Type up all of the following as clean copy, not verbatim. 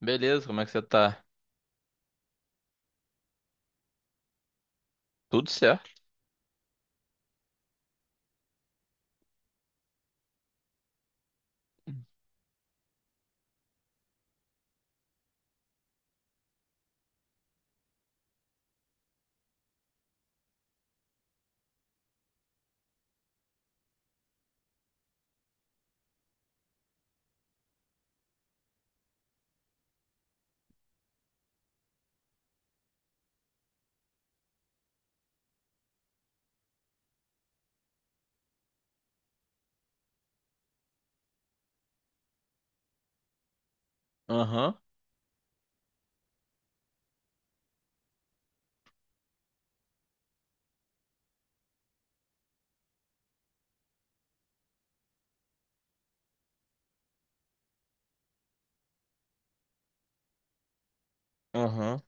Beleza, como é que você tá? Tudo certo? Aham, aham,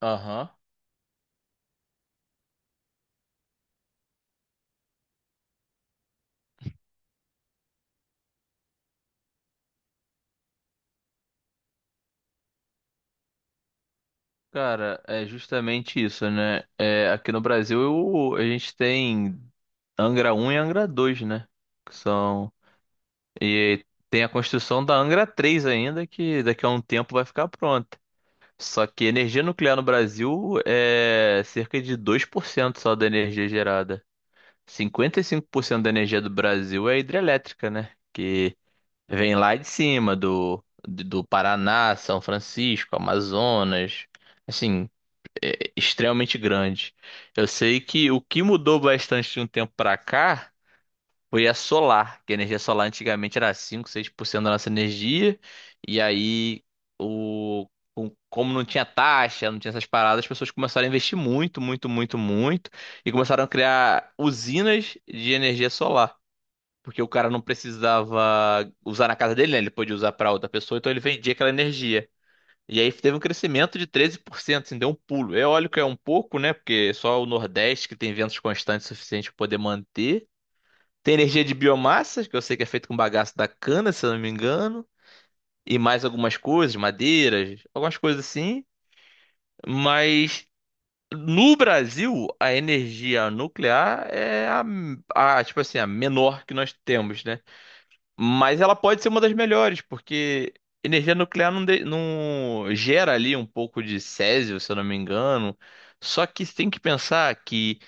aham. Cara, é justamente isso, né? É, aqui no Brasil a gente tem Angra 1 e Angra 2, né? Que são. E tem a construção da Angra 3 ainda, que daqui a um tempo vai ficar pronta. Só que energia nuclear no Brasil é cerca de 2% só da energia gerada. 55% da energia do Brasil é hidrelétrica, né? Que vem lá de cima do Paraná, São Francisco, Amazonas, assim, é extremamente grande. Eu sei que o que mudou bastante de um tempo pra cá foi a solar, que a energia solar antigamente era cinco seis por cento da nossa energia, e aí o, como não tinha taxa, não tinha essas paradas, as pessoas começaram a investir muito, muito, muito, muito, e começaram a criar usinas de energia solar. Porque o cara não precisava usar na casa dele, né? Ele podia usar pra outra pessoa, então ele vendia aquela energia. E aí teve um crescimento de 13%, assim, deu um pulo. É óbvio que é um pouco, né? Porque só o Nordeste que tem ventos constantes suficientes para poder manter. Tem energia de biomassa, que eu sei que é feito com bagaço da cana, se eu não me engano. E mais algumas coisas, madeiras, algumas coisas assim. Mas no Brasil, a energia nuclear é tipo assim, a menor que nós temos, né? Mas ela pode ser uma das melhores, porque energia nuclear não, não gera ali um pouco de césio, se eu não me engano. Só que você tem que pensar que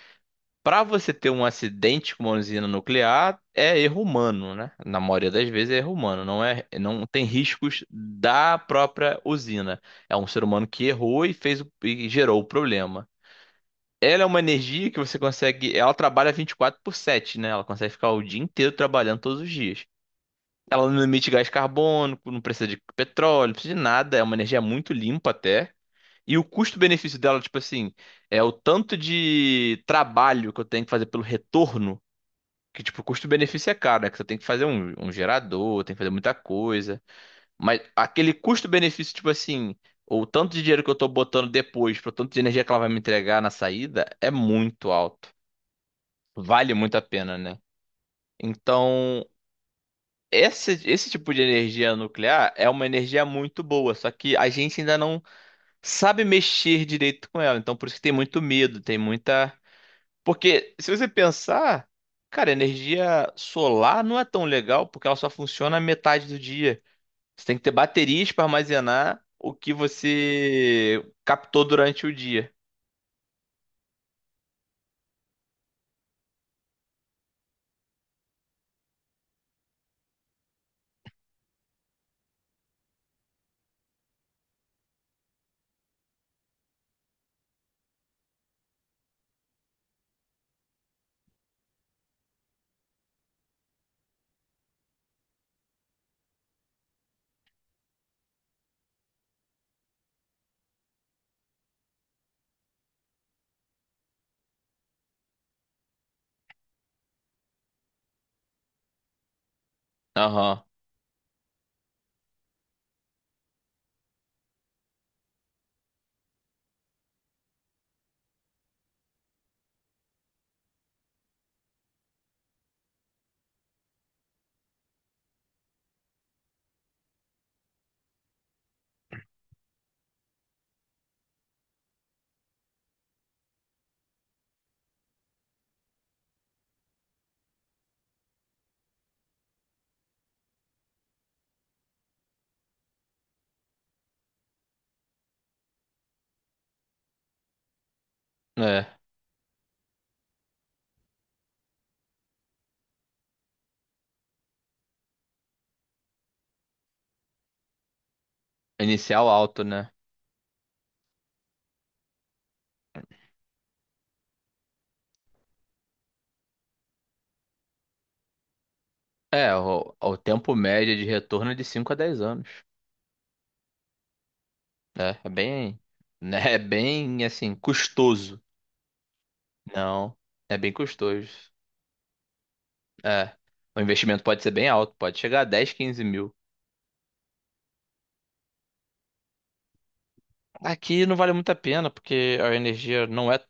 para você ter um acidente com uma usina nuclear é erro humano, né? Na maioria das vezes é erro humano, não é, não tem riscos da própria usina. É um ser humano que errou e e gerou o problema. Ela é uma energia que você consegue, ela trabalha 24/7, né? Ela consegue ficar o dia inteiro trabalhando todos os dias. Ela não emite gás carbônico, não precisa de petróleo, não precisa de nada, é uma energia muito limpa até. E o custo-benefício dela, tipo assim, é o tanto de trabalho que eu tenho que fazer pelo retorno, que tipo, o custo-benefício é caro, né? Que você tem que fazer um gerador, tem que fazer muita coisa. Mas aquele custo-benefício, tipo assim, ou o tanto de dinheiro que eu tô botando depois, pro tanto de energia que ela vai me entregar na saída, é muito alto. Vale muito a pena, né? Então, esse tipo de energia nuclear é uma energia muito boa, só que a gente ainda não sabe mexer direito com ela. Então, por isso que tem muito medo, tem muita. Porque, se você pensar, cara, energia solar não é tão legal porque ela só funciona metade do dia. Você tem que ter baterias para armazenar o que você captou durante o dia. Aham, é. Inicial alto, né? É, o tempo médio de retorno é de 5 a 10 anos. Né? É bem, né? É bem assim, custoso. Não, é bem custoso. É. O investimento pode ser bem alto, pode chegar a 10 15 mil. Aqui não vale muito a pena, porque a energia não é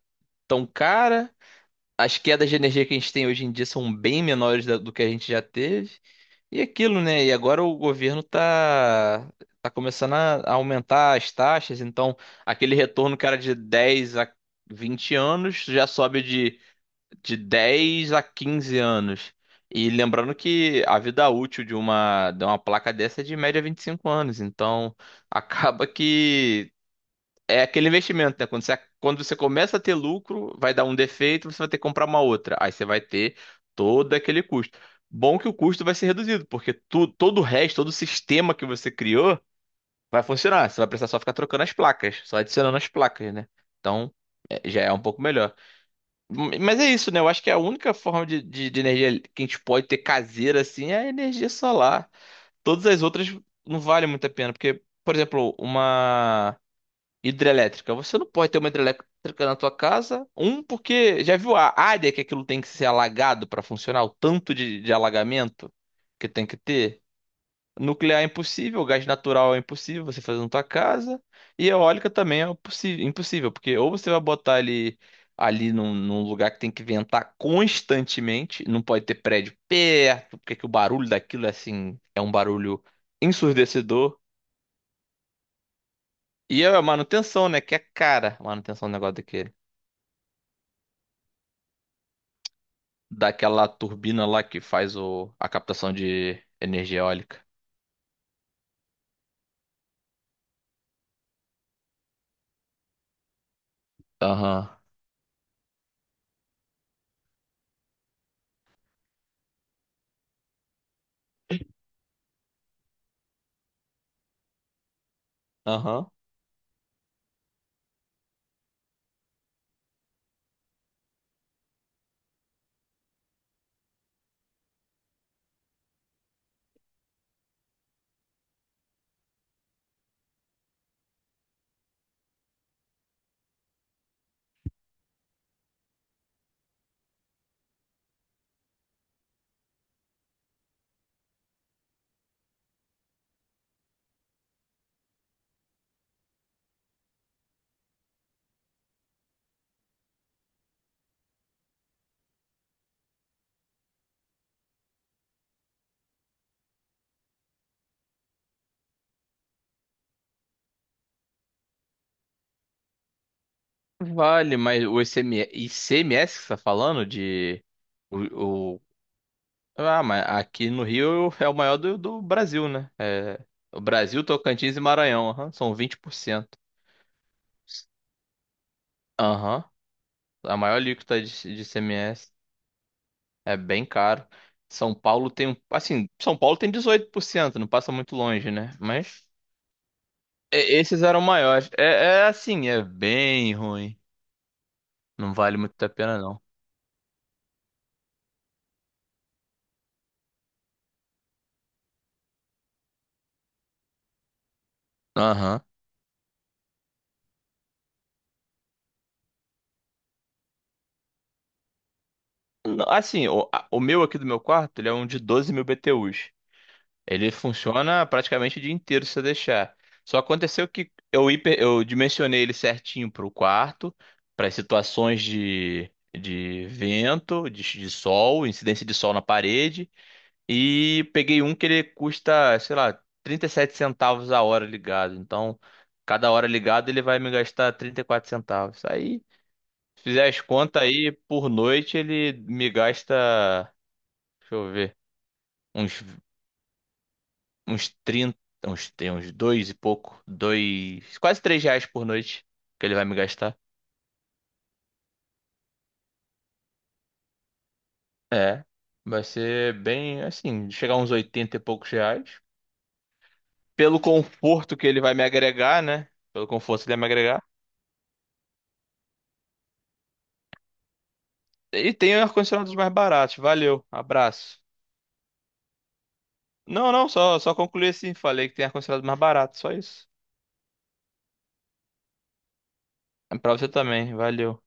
tão cara. As quedas de energia que a gente tem hoje em dia são bem menores do que a gente já teve. E aquilo, né? E agora o governo tá começando a aumentar as taxas, então aquele retorno que era de 10 a 20 anos já sobe de 10 a 15 anos. E lembrando que a vida útil de uma placa dessa é de média 25 anos. Então, acaba que é aquele investimento, né? Quando você começa a ter lucro, vai dar um defeito, você vai ter que comprar uma outra. Aí você vai ter todo aquele custo. Bom que o custo vai ser reduzido, porque tu, todo o resto, todo o sistema que você criou vai funcionar. Você vai precisar só ficar trocando as placas, só adicionando as placas, né? Então, já é um pouco melhor. Mas é isso, né? Eu acho que a única forma de energia que a gente pode ter caseira assim é a energia solar. Todas as outras não valem muito a pena, porque, por exemplo, uma hidrelétrica. Você não pode ter uma hidrelétrica na tua casa. Um, porque já viu a área que aquilo tem que ser alagado para funcionar, o tanto de alagamento que tem que ter? Nuclear é impossível, gás natural é impossível você fazer na tua casa. E eólica também é possível, impossível, porque ou você vai botar ele ali num lugar que tem que ventar constantemente, não pode ter prédio perto, porque que o barulho daquilo é assim, é um barulho ensurdecedor. E é a manutenção, né, que é cara, a manutenção do negócio daquele, daquela turbina lá que faz a captação de energia eólica. Aham. Aham. Vale, mas o ICMS que você tá falando de o, o- Ah, mas aqui no Rio é o maior do Brasil, né? É, o Brasil, Tocantins e Maranhão, aham, são 20%. Aham, a maior alíquota de ICMS é bem caro. São Paulo tem, assim, São Paulo tem 18%, não passa muito longe, né? Mas esses eram maiores. É, é assim, é bem ruim. Não vale muito a pena, não. Aham. Não, assim, o meu aqui do meu quarto, ele é um de 12 mil BTUs. Ele funciona praticamente o dia inteiro se eu deixar. Só aconteceu que eu dimensionei ele certinho para o quarto, para as situações de vento, de sol, incidência de sol na parede. E peguei um que ele custa, sei lá, 37 centavos a hora ligado. Então, cada hora ligado ele vai me gastar 34 centavos. Aí, se fizer as contas aí, por noite ele me gasta. Deixa eu ver. Uns, uns 30 uns, tem uns dois e pouco. Dois, quase três reais por noite que ele vai me gastar. É. Vai ser bem assim, chegar a uns 80 e poucos reais. Pelo conforto que ele vai me agregar, né? Pelo conforto que ele vai me agregar. E tem ar-condicionado mais baratos. Valeu, abraço. Não, não, só concluí assim. Falei que tem ar-condicionado mais barato, só isso. É pra você também, valeu.